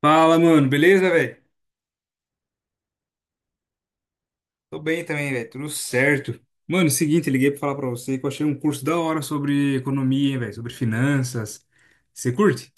Fala, mano, beleza, velho? Tô bem também, velho, tudo certo. Mano, seguinte, liguei pra falar pra você que eu achei um curso da hora sobre economia, hein, velho, sobre finanças. Você curte?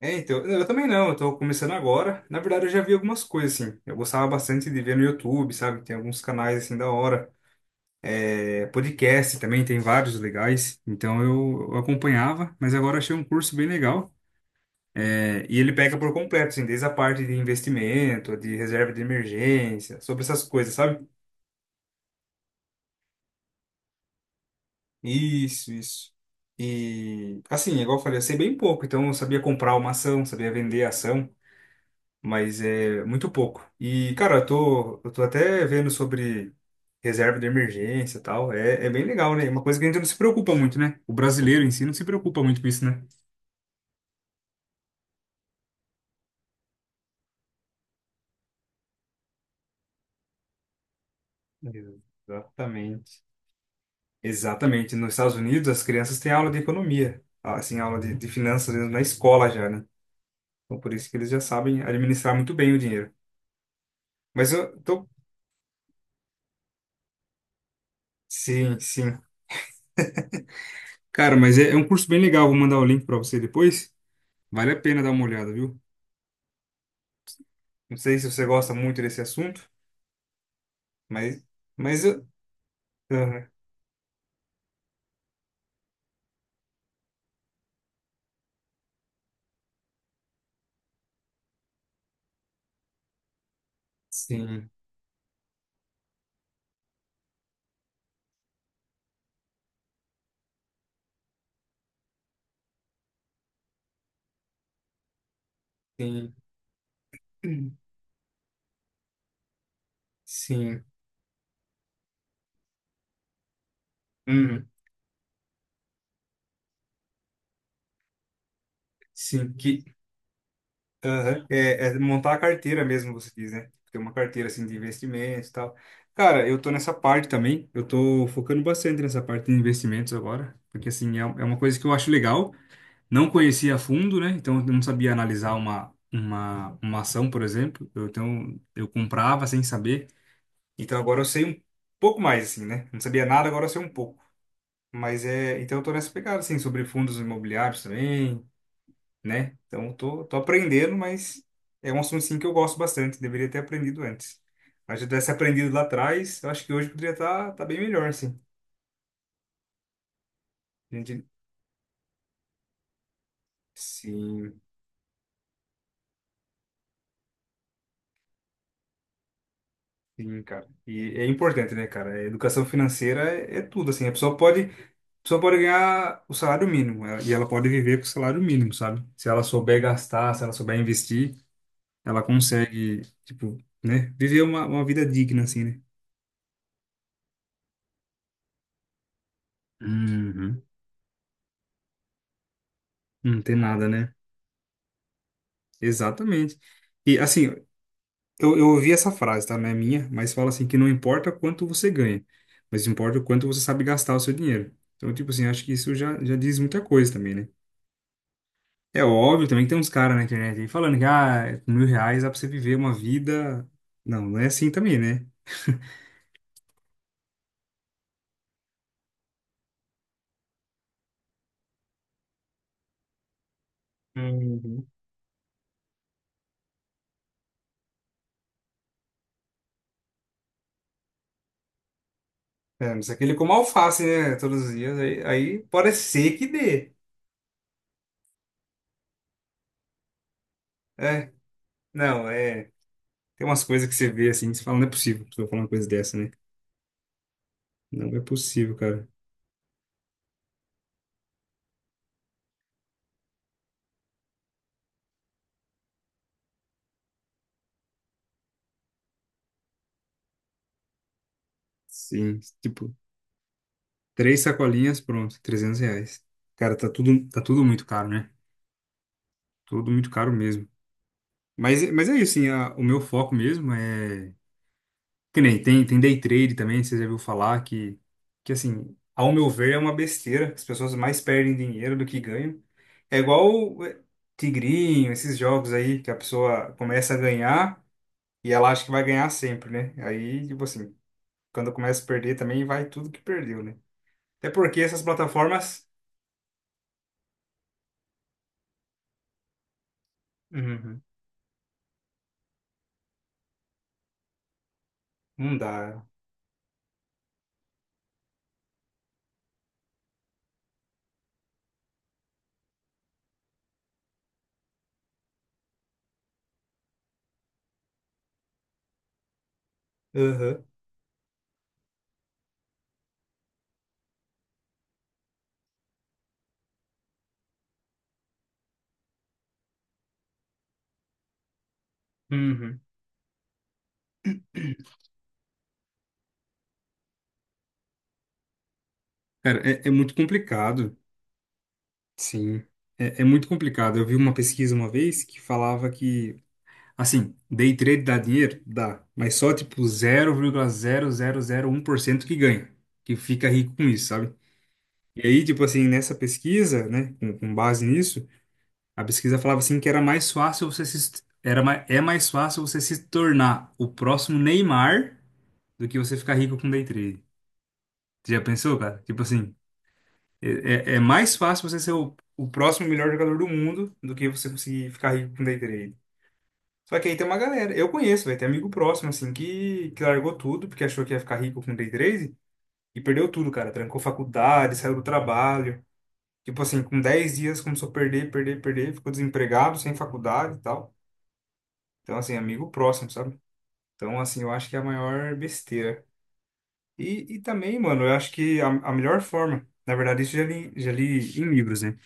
É, então, eu também não, eu tô começando agora. Na verdade, eu já vi algumas coisas, assim. Eu gostava bastante de ver no YouTube, sabe? Tem alguns canais, assim, da hora. É, podcast também, tem vários legais. Então, eu acompanhava, mas agora achei um curso bem legal. É, e ele pega por completo, assim, desde a parte de investimento, de reserva de emergência, sobre essas coisas, sabe? Isso, isso. E assim, é igual eu falei, eu sei bem pouco, então eu sabia comprar uma ação, sabia vender a ação, mas é muito pouco. E, cara, eu tô até vendo sobre reserva de emergência e tal. É, é bem legal, né? É uma coisa que a gente não se preocupa muito, né? O brasileiro em si não se preocupa muito com isso, né? Exatamente. Exatamente. Nos Estados Unidos, as crianças têm aula de economia, assim, aula de finanças mesmo na escola já, né? Então, por isso que eles já sabem administrar muito bem o dinheiro. Mas eu tô. Sim, sim. Cara, mas é, é um curso bem legal, vou mandar o link para você depois. Vale a pena dar uma olhada, viu? Não sei se você gosta muito desse assunto, mas, mas eu- aham. Sim, sim, sim, uhum, sim, que aham. É, é montar a carteira mesmo, você diz, né? Ter uma carteira assim de investimentos e tal. Cara, eu tô nessa parte também. Eu tô focando bastante nessa parte de investimentos agora, porque assim é, é uma coisa que eu acho legal. Não conhecia a fundo, né? Então eu não sabia analisar uma ação, por exemplo. Eu, então eu comprava sem saber. Então agora eu sei um pouco mais, assim, né? Não sabia nada, agora eu sei um pouco. Mas é. Então eu tô nessa pegada, assim, sobre fundos imobiliários também, né? Então eu tô, tô aprendendo, mas é um assunto, assim, que eu gosto bastante. Deveria ter aprendido antes. Mas se eu tivesse aprendido lá atrás, eu acho que hoje poderia estar tá, tá bem melhor, assim. A gente, sim. Sim, cara. E é importante, né, cara? A educação financeira é, é tudo, assim. A pessoa pode ganhar o salário mínimo e ela pode viver com o salário mínimo, sabe? Se ela souber gastar, se ela souber investir, ela consegue, tipo, né, viver uma vida digna, assim, né? Uhum. Não tem nada, né? Exatamente. E assim, eu ouvi essa frase, tá? Não é minha, mas fala assim que não importa quanto você ganha, mas importa o quanto você sabe gastar o seu dinheiro. Então, tipo assim, acho que isso já, já diz muita coisa também, né? É óbvio também que tem uns caras na internet aí falando que, ah, com R$ 1.000 dá pra você viver uma vida. Não, não é assim também, né? Uhum. É, mas é aquele como alface, né? Todos os dias, aí, aí pode ser que dê. É, não, é. Tem umas coisas que você vê assim, que você fala, não é possível que eu falar uma coisa dessa, né? Não é possível, cara. Sim, tipo, três sacolinhas, pronto, R$ 300. Cara, tá tudo muito caro, né? Tudo muito caro mesmo. Mas é isso, assim, o meu foco mesmo é. Que nem tem, tem day trade também, você já viu falar que assim, ao meu ver, é uma besteira. As pessoas mais perdem dinheiro do que ganham. É igual o, eh, Tigrinho, esses jogos aí que a pessoa começa a ganhar e ela acha que vai ganhar sempre, né? Aí, tipo assim, quando começa a perder também vai tudo que perdeu, né? Até porque essas plataformas. Uhum. Não dá. Uhum. Uhum. Cara, é, é muito complicado. Sim. É, é muito complicado. Eu vi uma pesquisa uma vez que falava que assim, day trade dá dinheiro? Dá. Mas só tipo 0,0001% que ganha, que fica rico com isso, sabe? E aí, tipo assim, nessa pesquisa, né, com base nisso, a pesquisa falava assim que era mais fácil você se, era, é mais fácil você se tornar o próximo Neymar do que você ficar rico com day trade. Você já pensou, cara? Tipo assim, é, é mais fácil você ser o próximo melhor jogador do mundo do que você conseguir ficar rico com day trade. Só que aí tem uma galera, eu conheço, vai ter amigo próximo, assim, que largou tudo, porque achou que ia ficar rico com day trade, e perdeu tudo, cara. Trancou faculdade, saiu do trabalho. Tipo assim, com 10 dias começou a perder, perder, perder, ficou desempregado, sem faculdade e tal. Então, assim, amigo próximo, sabe? Então, assim, eu acho que é a maior besteira. E também, mano, eu acho que a melhor forma, na verdade, isso eu já li em livros, né?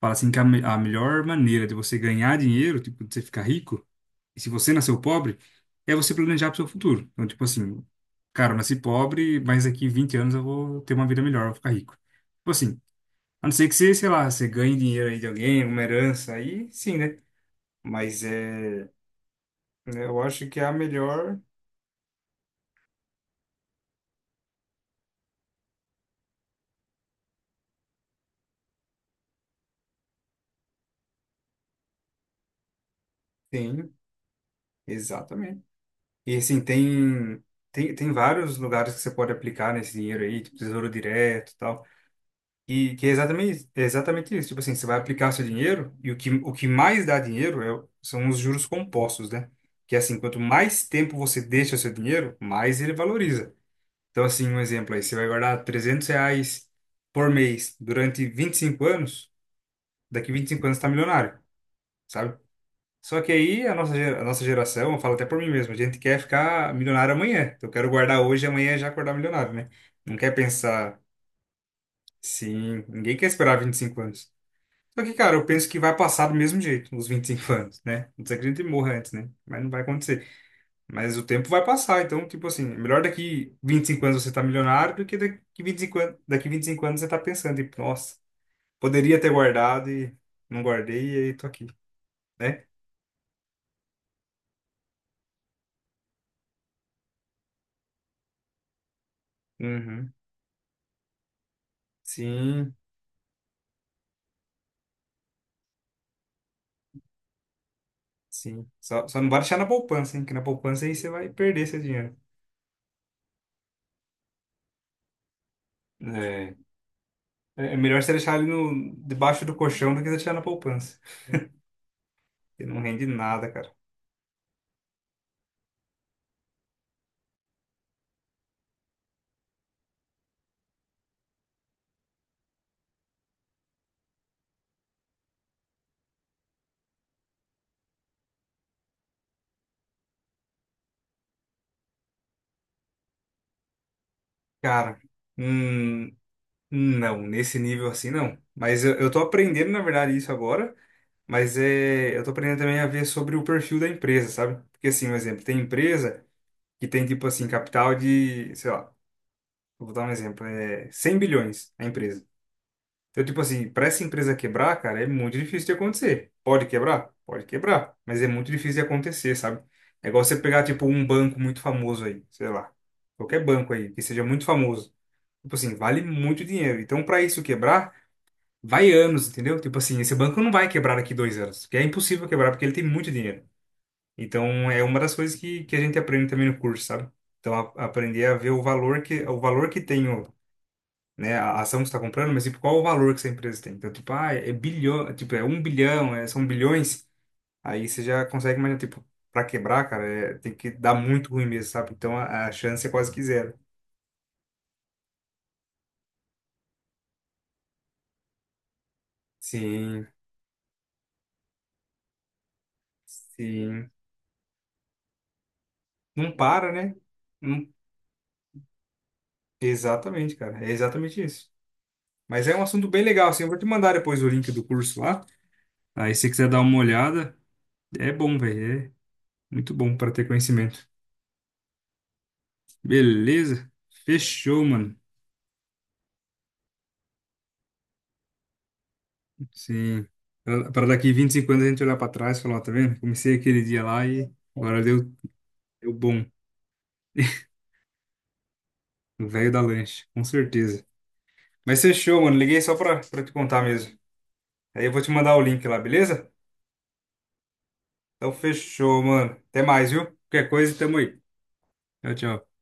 Fala assim que a, a melhor maneira de você ganhar dinheiro, tipo, de você ficar rico, e se você nasceu pobre, é você planejar pro seu futuro. Então, tipo assim, cara, eu nasci pobre, mas daqui 20 anos eu vou ter uma vida melhor, eu vou ficar rico. Tipo assim, a não ser que você, sei lá, você ganhe dinheiro aí de alguém, alguma herança, aí sim, né? Mas é, né, eu acho que é a melhor, tem, exatamente. E assim, tem, tem vários lugares que você pode aplicar nesse dinheiro aí, tipo Tesouro Direto e tal. E que é exatamente isso. Tipo assim, você vai aplicar o seu dinheiro e o que mais dá dinheiro é são os juros compostos, né? Que é assim, quanto mais tempo você deixa o seu dinheiro, mais ele valoriza. Então, assim, um exemplo aí, você vai guardar R$ 300 por mês durante 25 anos, daqui 25 anos você tá milionário, sabe? Só que aí a nossa, a nossa geração, eu falo até por mim mesmo, a gente quer ficar milionário amanhã. Então, eu quero guardar hoje, e amanhã já acordar milionário, né? Não quer pensar, sim, ninguém quer esperar 25 anos. Só que, cara, eu penso que vai passar do mesmo jeito, nos 25 anos, né? Não sei que a gente morra antes, né? Mas não vai acontecer. Mas o tempo vai passar, então, tipo assim, é melhor daqui 25 anos você tá milionário do que daqui 25 anos, daqui 25 anos você tá pensando, tipo, nossa, poderia ter guardado e não guardei e aí tô aqui, né? Uhum. Sim, sim. Só, só não vai deixar na poupança, hein? Que na poupança aí você vai perder seu dinheiro. É. É melhor você deixar ali no, debaixo do colchão do que deixar na poupança. Porque não rende nada, cara. Cara. Hum, Não, nesse nível assim não. Mas eu tô aprendendo, na verdade, isso agora. Mas é, eu tô aprendendo também a ver sobre o perfil da empresa, sabe? Porque assim, um exemplo, tem empresa que tem tipo assim, capital de, sei lá, vou dar um exemplo, é 100 bilhões a empresa. Então, tipo assim, para essa empresa quebrar, cara, é muito difícil de acontecer. Pode quebrar? Pode quebrar, mas é muito difícil de acontecer, sabe? É igual você pegar tipo um banco muito famoso aí, sei lá, qualquer banco aí que seja muito famoso. Tipo assim, vale muito dinheiro. Então, para isso quebrar, vai anos, entendeu? Tipo assim, esse banco não vai quebrar daqui 2 anos, porque é impossível quebrar, porque ele tem muito dinheiro. Então, é uma das coisas que a gente aprende também no curso, sabe? Então, aprender a ver o valor que tem o, né, a ação que você está comprando, mas tipo, qual o valor que essa empresa tem? Então, tipo, ah, é bilhão, tipo, é um bilhão, são bilhões, aí você já consegue imaginar, tipo, para quebrar, cara, tem que dar muito ruim mesmo, sabe? Então, a chance é quase que zero. Sim, sim. Não para, né? Não- Exatamente, cara. É exatamente isso. Mas é um assunto bem legal, assim. Eu vou te mandar depois o link do curso lá. Aí se você quiser dar uma olhada, é bom, velho. É muito bom para ter conhecimento. Beleza? Fechou, mano. Sim. Para daqui 25 anos a gente olhar para trás e falar, ó, tá vendo? Comecei aquele dia lá e agora deu, deu bom. O velho da lanche, com certeza. Mas fechou, mano. Liguei só pra te contar mesmo. Aí eu vou te mandar o link lá, beleza? Então fechou, mano. Até mais, viu? Qualquer coisa, tamo aí. Tchau, tchau.